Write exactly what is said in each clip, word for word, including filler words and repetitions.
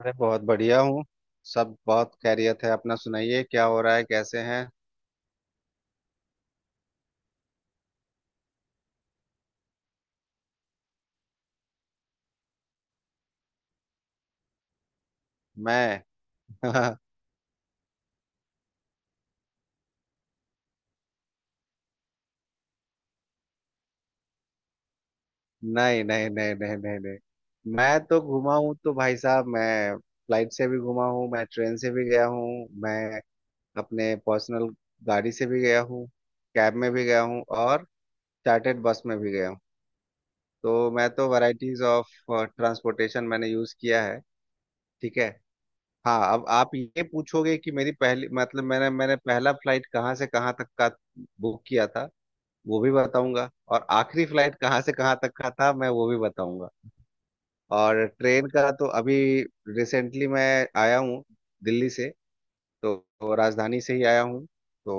अरे, बहुत बढ़िया हूँ। सब बहुत खैरियत है। अपना सुनाइए, क्या हो रहा है, कैसे हैं? मैं। नहीं, नहीं, नहीं, नहीं, नहीं, नहीं। मैं तो घूमा हूँ तो भाई साहब, मैं फ्लाइट से भी घूमा हूँ, मैं ट्रेन से भी गया हूँ, मैं अपने पर्सनल गाड़ी से भी गया हूँ, कैब में भी गया हूँ, और चार्टर्ड बस में भी गया हूँ। तो मैं तो वैरायटीज ऑफ ट्रांसपोर्टेशन मैंने यूज़ किया है। ठीक है। हाँ, अब आप ये पूछोगे कि मेरी पहली मतलब मैंने मैंने पहला फ्लाइट कहाँ से कहाँ तक का बुक किया था, वो भी बताऊंगा, और आखिरी फ्लाइट कहाँ से कहाँ तक का था मैं वो भी बताऊंगा। और ट्रेन का तो अभी रिसेंटली मैं आया हूँ दिल्ली से, तो, तो राजधानी से ही आया हूँ। तो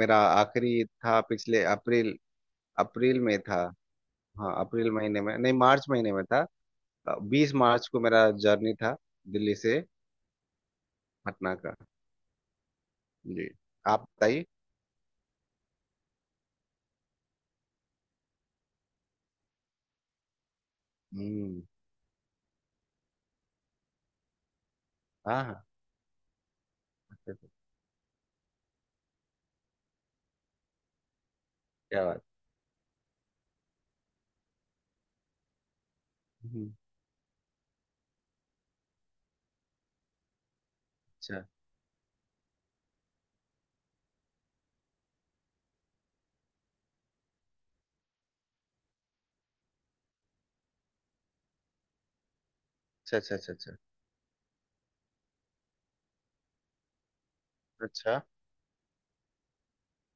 मेरा आखिरी था पिछले अप्रैल अप्रैल में था। हाँ, अप्रैल महीने में नहीं, मार्च महीने में था। बीस मार्च को मेरा जर्नी था दिल्ली से पटना का। जी। आप बताइए। हम्म। हाँ, हाँ। अच्छा, अच्छा। क्या बात। हम्म। अच्छा, अच्छा, अच्छा, अच्छा। अच्छा, अच्छा।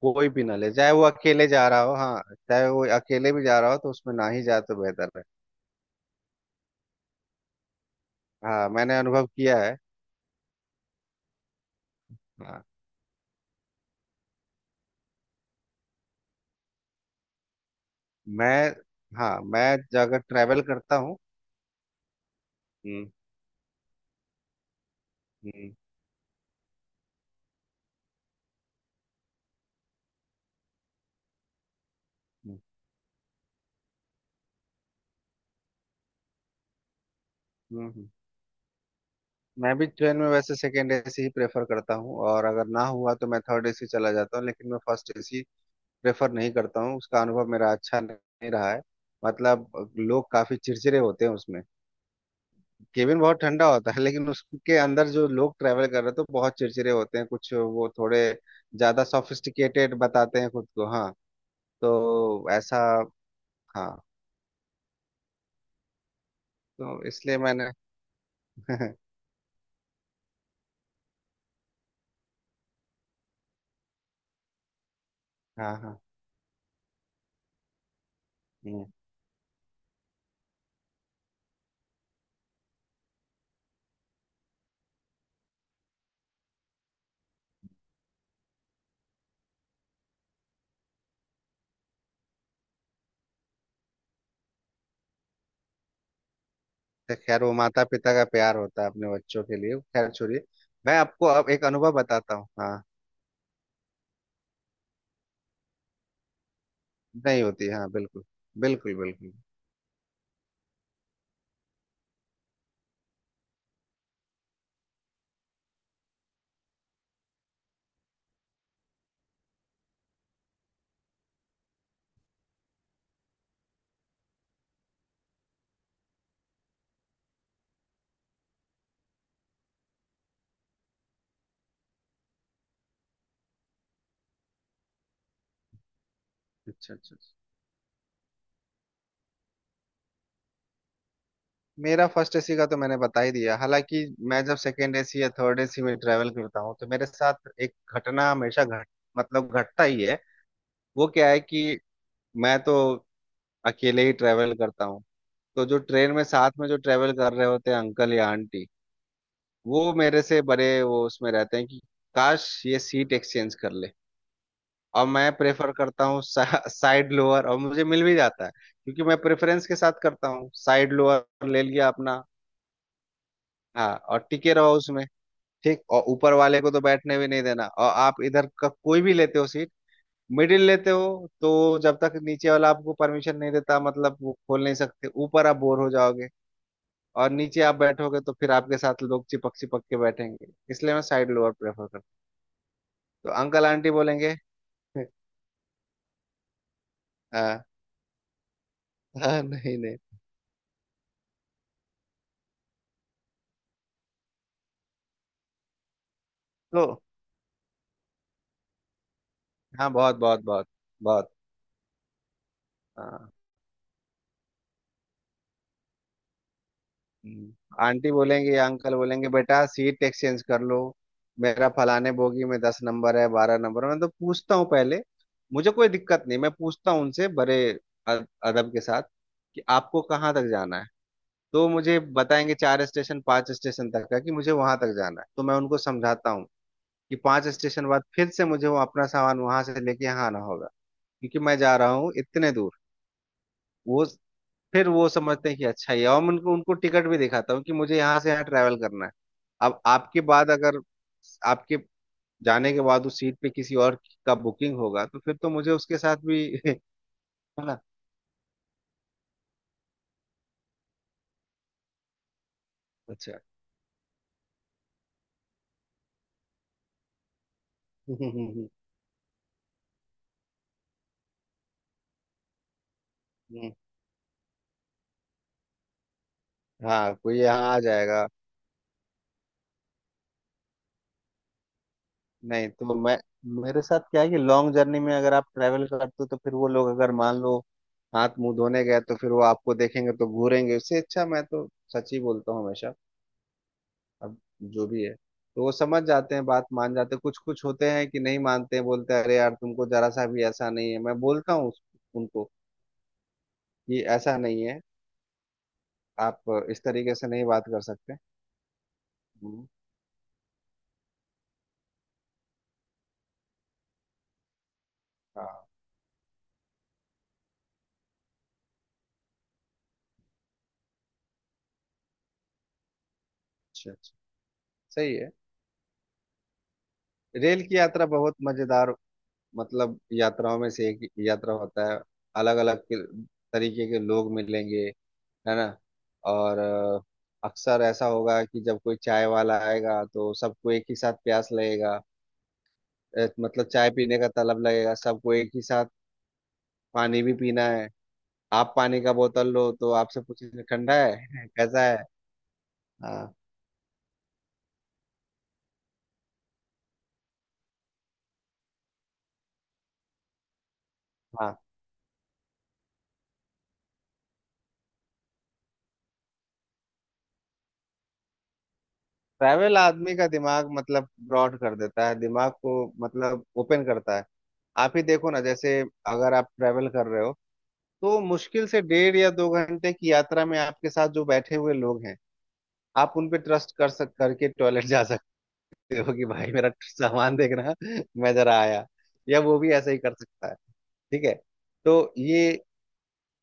कोई भी ना ले, चाहे वो अकेले जा रहा हो, हाँ। चाहे वो अकेले भी जा रहा हो तो उसमें ना ही जाए तो बेहतर है। हाँ, मैंने अनुभव किया है। हाँ। मैं, हाँ, मैं अगर ट्रैवल करता हूँ। हम्म, हम्म। हम्म, हम्म, हम्म। मैं भी ट्रेन में वैसे सेकेंड एसी ही प्रेफर करता हूँ, और अगर ना हुआ तो मैं थर्ड एसी चला जाता हूँ, लेकिन मैं फर्स्ट एसी प्रेफर नहीं करता हूँ। उसका अनुभव मेरा अच्छा नहीं रहा है। मतलब लोग काफी चिड़चिड़े होते हैं उसमें। केबिन बहुत ठंडा होता है, लेकिन उसके अंदर जो लोग ट्रैवल कर रहे थे वो बहुत चिड़चिड़े होते हैं, कुछ वो थोड़े ज्यादा सॉफिस्टिकेटेड बताते हैं खुद को, हाँ। तो ऐसा, हाँ, तो इसलिए मैंने। हाँ, हाँ। हम्म। तो खैर, वो माता पिता का प्यार होता है अपने बच्चों के लिए, खैर छोड़िए। मैं आपको अब एक अनुभव बताता हूँ, हाँ। नहीं होती, हाँ, बिल्कुल। बिल्कुल, बिल्कुल। अच्छा, अच्छा, अच्छा। मेरा फर्स्ट एसी का तो मैंने बता ही दिया, हालांकि मैं जब सेकेंड एसी या थर्ड एसी में ट्रैवल करता हूँ तो मेरे साथ एक घटना हमेशा घट, मतलब घटता ही है। वो क्या है कि मैं तो अकेले ही ट्रैवल करता हूँ। तो जो ट्रेन में साथ में जो ट्रैवल कर रहे होते हैं अंकल या आंटी, वो मेरे से बड़े, वो उसमें रहते हैं कि काश ये सीट एक्सचेंज कर ले। और मैं प्रेफर करता हूँ सा, साइड लोअर, और मुझे मिल भी जाता है, क्योंकि मैं प्रेफरेंस के साथ करता हूँ, साइड लोअर ले लिया अपना। हाँ, और टिके रहो उसमें। ठीक, और ऊपर वाले को तो बैठने भी नहीं देना। और आप इधर का कोई भी लेते हो सीट, मिडिल लेते हो तो जब तक नीचे वाला आपको परमिशन नहीं देता, मतलब वो खोल नहीं सकते, ऊपर आप बोर हो जाओगे। और नीचे आप बैठोगे तो फिर आपके साथ लोग चिपक चिपक के बैठेंगे, इसलिए मैं साइड लोअर प्रेफर करता हूं। तो अंकल आंटी बोलेंगे। हाँ, हाँ, नहीं, नहीं। तो हाँ, बहुत, बहुत, बहुत, बहुत, हाँ। हम्म। आंटी बोलेंगे या अंकल बोलेंगे, बेटा सीट एक्सचेंज कर लो, मेरा फलाने बोगी में दस नंबर है, बारह नंबर है। मैं तो पूछता हूँ पहले, मुझे कोई दिक्कत नहीं, मैं पूछता हूँ उनसे बड़े अद- अदब के साथ कि आपको कहाँ तक जाना है। तो मुझे बताएंगे चार स्टेशन, पांच स्टेशन तक का, कि मुझे वहां तक जाना है। तो मैं उनको समझाता हूँ कि पांच स्टेशन बाद फिर से मुझे वो अपना सामान वहां से लेके यहाँ आना होगा, क्योंकि मैं जा रहा हूँ इतने दूर। वो, फिर वो समझते हैं कि अच्छा ये, और मैं उनको उनको टिकट भी दिखाता हूँ कि मुझे यहाँ से यहाँ ट्रैवल करना है। अब आपके बाद अगर आपके जाने के बाद उस सीट पे किसी और का बुकिंग होगा तो फिर तो मुझे उसके साथ भी है ना। अच्छा। हम्म, हम्म, हम्म। हाँ, कोई यहाँ आ जाएगा। नहीं तो मैं मेरे साथ क्या है कि लॉन्ग जर्नी में अगर आप ट्रैवल करते हो तो फिर वो लोग अगर मान लो हाथ मुंह धोने गए तो फिर वो आपको देखेंगे तो घूरेंगे, उससे अच्छा मैं तो सच ही बोलता हूँ हमेशा। अब जो भी है, तो वो समझ जाते हैं, बात मान जाते हैं। कुछ कुछ होते हैं कि नहीं मानते हैं, बोलते हैं अरे यार तुमको जरा सा भी ऐसा नहीं है। मैं बोलता हूँ उस- उनको कि ऐसा नहीं है, आप इस तरीके से नहीं बात कर सकते। हम्म, हाँ। अच्छा, अच्छा। सही है। रेल की यात्रा बहुत मजेदार, मतलब यात्राओं में से एक यात्रा होता है। अलग अलग तरीके के लोग मिलेंगे, है ना। और अ, अक्सर ऐसा होगा कि जब कोई चाय वाला आएगा तो सबको एक ही साथ प्यास लगेगा, अ, मतलब चाय पीने का तलब लगेगा सबको एक ही साथ। पानी भी पीना है, आप पानी का बोतल लो तो आपसे पूछेंगे ठंडा है कैसा है। हाँ, हाँ। ट्रैवल आदमी का दिमाग मतलब ब्रॉड कर देता है, दिमाग को मतलब ओपन करता है। आप ही देखो ना, जैसे अगर आप ट्रैवल कर रहे हो तो मुश्किल से डेढ़ या दो घंटे की यात्रा में आपके साथ जो बैठे हुए लोग हैं, आप उन पे ट्रस्ट कर सक करके टॉयलेट जा सकते हो कि भाई मेरा सामान देखना, मैं जरा आया, या वो भी ऐसा ही कर सकता है। ठीक है। तो ये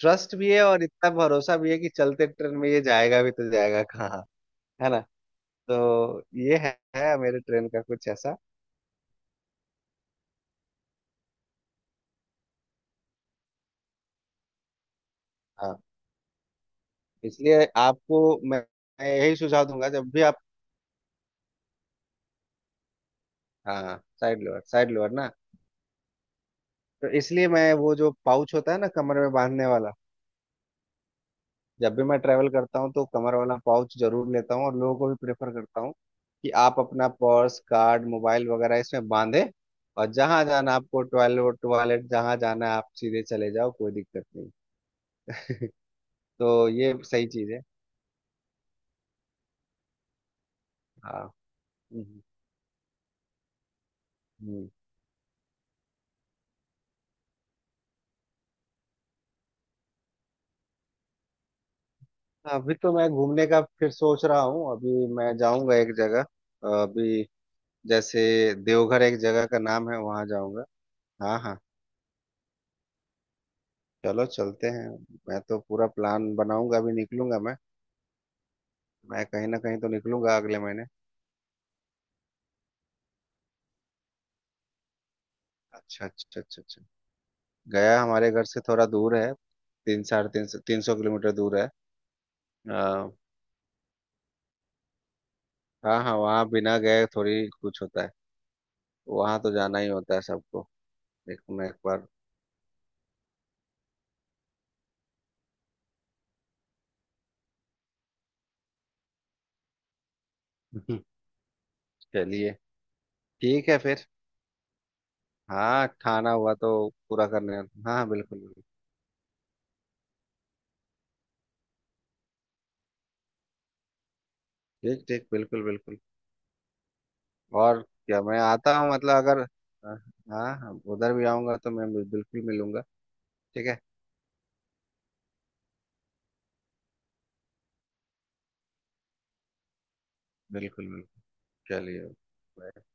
ट्रस्ट भी है, और इतना भरोसा भी है कि चलते ट्रेन में ये जाएगा भी तो जाएगा कहाँ, है ना। तो ये है, है मेरे ट्रेन का कुछ ऐसा। हाँ, इसलिए आपको मैं मैं यही सुझाव दूंगा जब भी आप, हाँ, साइड लोअर, साइड लोअर ना। तो इसलिए मैं वो जो पाउच होता है ना, कमर में बांधने वाला, जब भी मैं ट्रैवल करता हूँ तो कमर वाला पाउच जरूर लेता हूँ, और लोगों को भी प्रेफर करता हूँ कि आप अपना पर्स, कार्ड, मोबाइल वगैरह इसमें बांधे। और जहाँ जाना आपको, टॉयलेट, टॉयलेट जहाँ जाना है, आप सीधे चले जाओ, कोई दिक्कत नहीं। तो ये सही चीज़ है। हाँ, हम्म, हम्म। अभी तो मैं घूमने का फिर सोच रहा हूँ, अभी मैं जाऊँगा एक जगह। अभी जैसे देवघर एक जगह का नाम है, वहाँ जाऊँगा। हाँ, हाँ। चलो चलते हैं, मैं तो पूरा प्लान बनाऊंगा, अभी निकलूंगा मैं। मैं कहीं ना कहीं तो निकलूंगा अगले महीने। अच्छा, अच्छा, अच्छा, अच्छा। गया हमारे घर से थोड़ा दूर है, तीन, साढ़े तीन सौ, तीन सौ किलोमीटर दूर है। आ, हाँ, हाँ, वहाँ बिना गए थोड़ी कुछ होता है, वहाँ तो जाना ही होता है सबको। देखो, मैं एक बार। चलिए। ठीक है फिर। हाँ, खाना हुआ तो पूरा करने, हाँ। हाँ, बिल्कुल, बिल्कुल। ठीक, ठीक, बिल्कुल, बिल्कुल। और क्या, मैं आता हूँ, मतलब अगर, हाँ, हाँ, उधर भी आऊंगा तो मैं बिल्कुल मिलूंगा। ठीक है, बिल्कुल, बिल्कुल। चलिए, bye।